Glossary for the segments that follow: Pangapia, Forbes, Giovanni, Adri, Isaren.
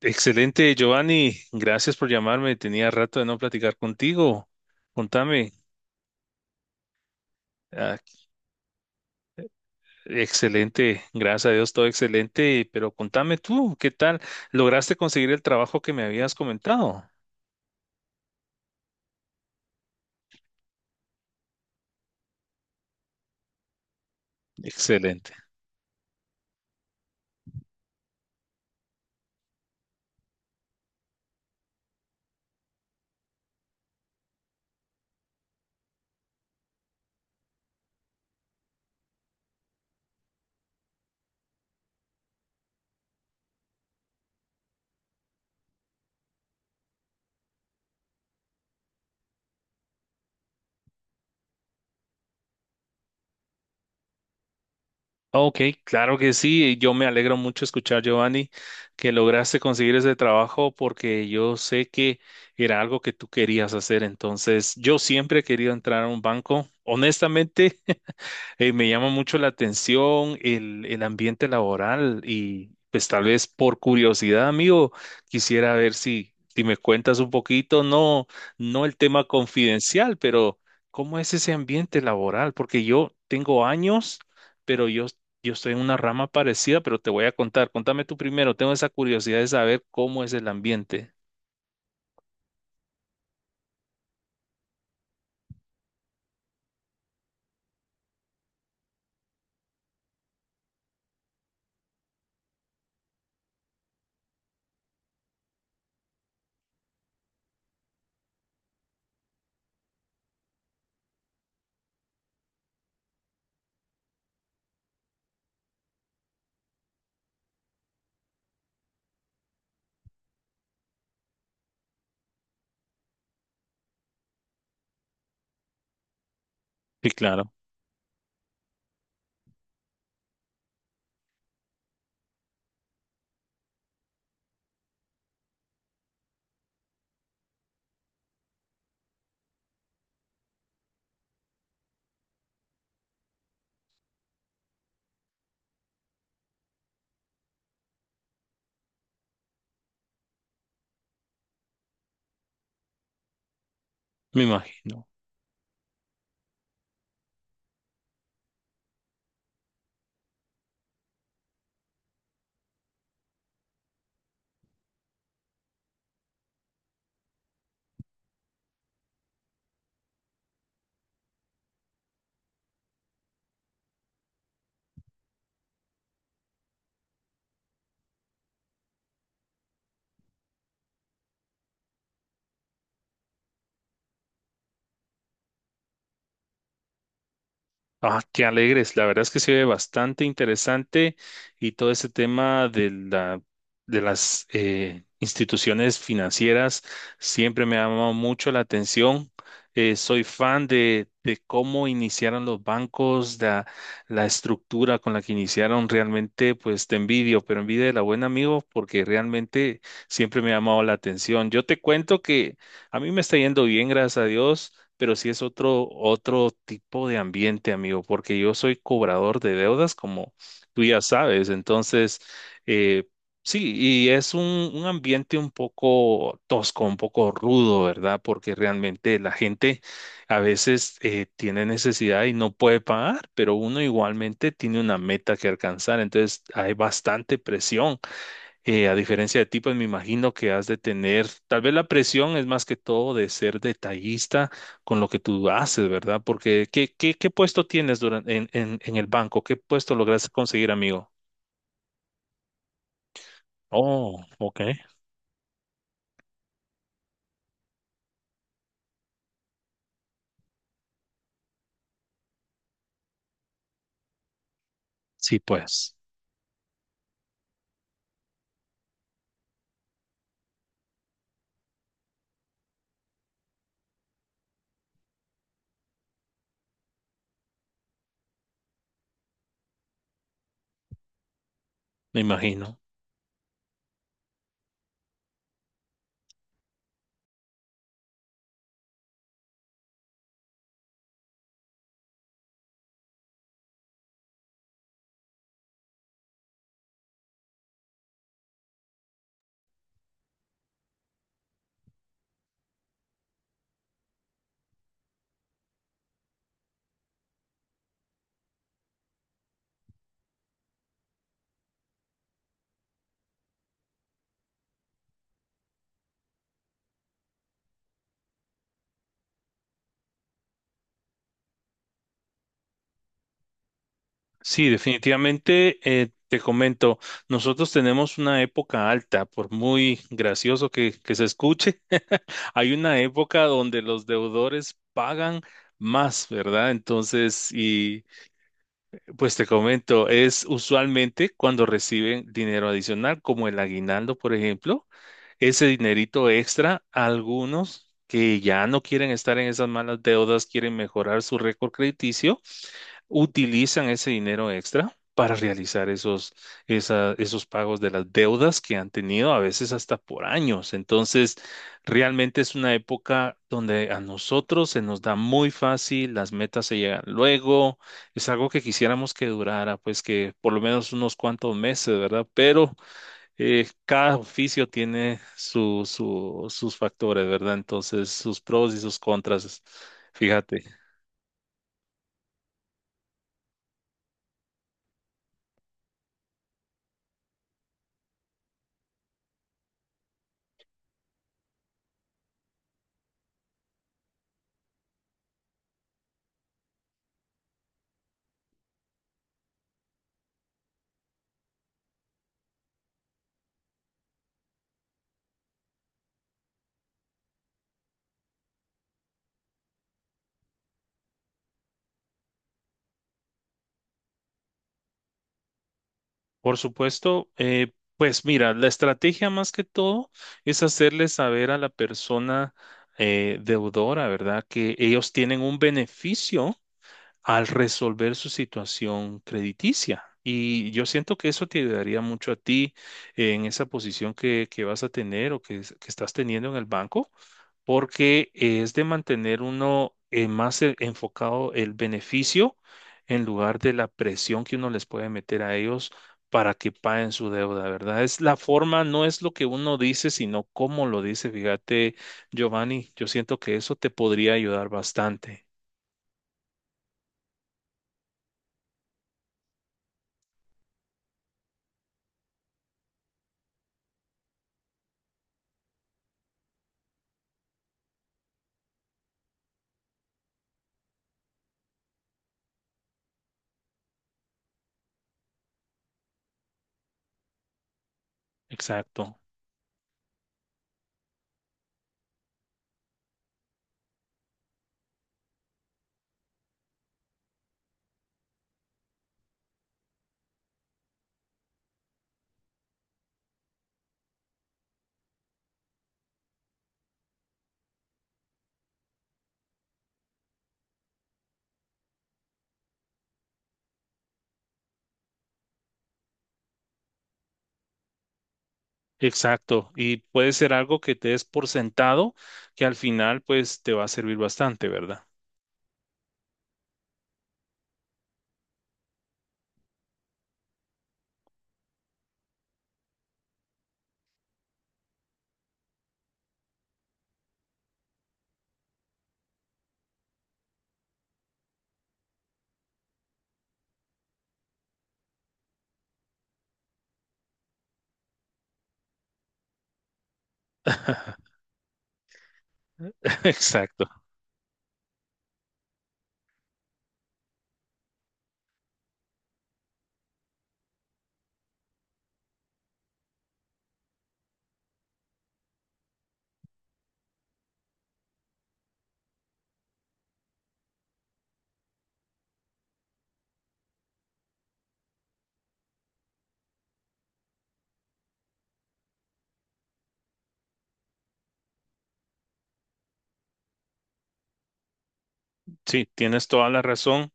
Excelente, Giovanni. Gracias por llamarme. Tenía rato de no platicar contigo. Contame. Ah, excelente. Gracias a Dios, todo excelente. Pero contame tú, ¿qué tal? ¿Lograste conseguir el trabajo que me habías comentado? Excelente. Ok, claro que sí. Yo me alegro mucho escuchar, Giovanni, que lograste conseguir ese trabajo porque yo sé que era algo que tú querías hacer. Entonces, yo siempre he querido entrar a un banco. Honestamente, me llama mucho la atención el ambiente laboral y pues tal vez por curiosidad, amigo, quisiera ver si me cuentas un poquito, no, no el tema confidencial, pero ¿cómo es ese ambiente laboral? Porque yo tengo años, pero yo estoy en una rama parecida, pero te voy a contar. Contame tú primero, tengo esa curiosidad de saber cómo es el ambiente. Sí, claro, me imagino. Ah, qué alegres. La verdad es que se ve bastante interesante y todo ese tema de la, de las instituciones financieras siempre me ha llamado mucho la atención. Soy fan de cómo iniciaron los bancos, la estructura con la que iniciaron. Realmente, pues te envidio, pero envidia de la buena amigo porque realmente siempre me ha llamado la atención. Yo te cuento que a mí me está yendo bien, gracias a Dios, pero sí es otro tipo de ambiente, amigo, porque yo soy cobrador de deudas, como tú ya sabes. Entonces, eh, sí, y es un ambiente un poco tosco, un poco rudo, ¿verdad? Porque realmente la gente a veces tiene necesidad y no puede pagar, pero uno igualmente tiene una meta que alcanzar. Entonces, hay bastante presión a diferencia de ti, pues me imagino que has de tener, tal vez la presión es más que todo de ser detallista con lo que tú haces, ¿verdad? Porque, ¿qué puesto tienes en el banco? ¿Qué puesto lograste conseguir, amigo? Oh, ok. Sí, pues, me imagino. Sí, definitivamente, te comento, nosotros tenemos una época alta, por muy gracioso que se escuche, hay una época donde los deudores pagan más, ¿verdad? Entonces, y... Pues te comento, es usualmente cuando reciben dinero adicional, como el aguinaldo, por ejemplo, ese dinerito extra, algunos que ya no quieren estar en esas malas deudas, quieren mejorar su récord crediticio, utilizan ese dinero extra para realizar esos pagos de las deudas que han tenido a veces hasta por años. Entonces, realmente es una época donde a nosotros se nos da muy fácil, las metas se llegan luego, es algo que quisiéramos que durara, pues que por lo menos unos cuantos meses, ¿verdad? Pero cada oficio tiene sus factores, ¿verdad? Entonces, sus pros y sus contras, fíjate. Por supuesto, pues mira, la estrategia más que todo es hacerle saber a la persona deudora, ¿verdad? Que ellos tienen un beneficio al resolver su situación crediticia. Y yo siento que eso te ayudaría mucho a ti en esa posición que vas a tener o que estás teniendo en el banco, porque es de mantener uno más enfocado el beneficio en lugar de la presión que uno les puede meter a ellos para que paguen su deuda, ¿verdad? Es la forma, no es lo que uno dice, sino cómo lo dice. Fíjate, Giovanni, yo siento que eso te podría ayudar bastante. Exacto. Exacto, y puede ser algo que te des por sentado, que al final pues te va a servir bastante, ¿verdad? Exacto, sí, tienes toda la razón.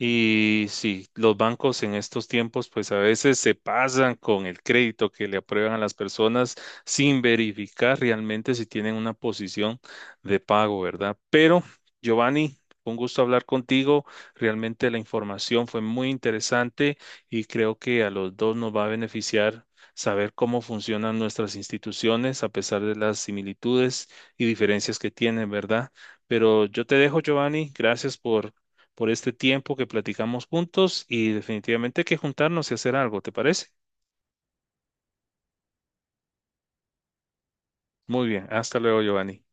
Y sí, los bancos en estos tiempos pues a veces se pasan con el crédito que le aprueban a las personas sin verificar realmente si tienen una posición de pago, ¿verdad? Pero Giovanni, un gusto hablar contigo. Realmente la información fue muy interesante y creo que a los dos nos va a beneficiar saber cómo funcionan nuestras instituciones a pesar de las similitudes y diferencias que tienen, ¿verdad? Pero yo te dejo, Giovanni. Gracias por este tiempo que platicamos juntos y definitivamente hay que juntarnos y hacer algo, ¿te parece? Muy bien, hasta luego, Giovanni.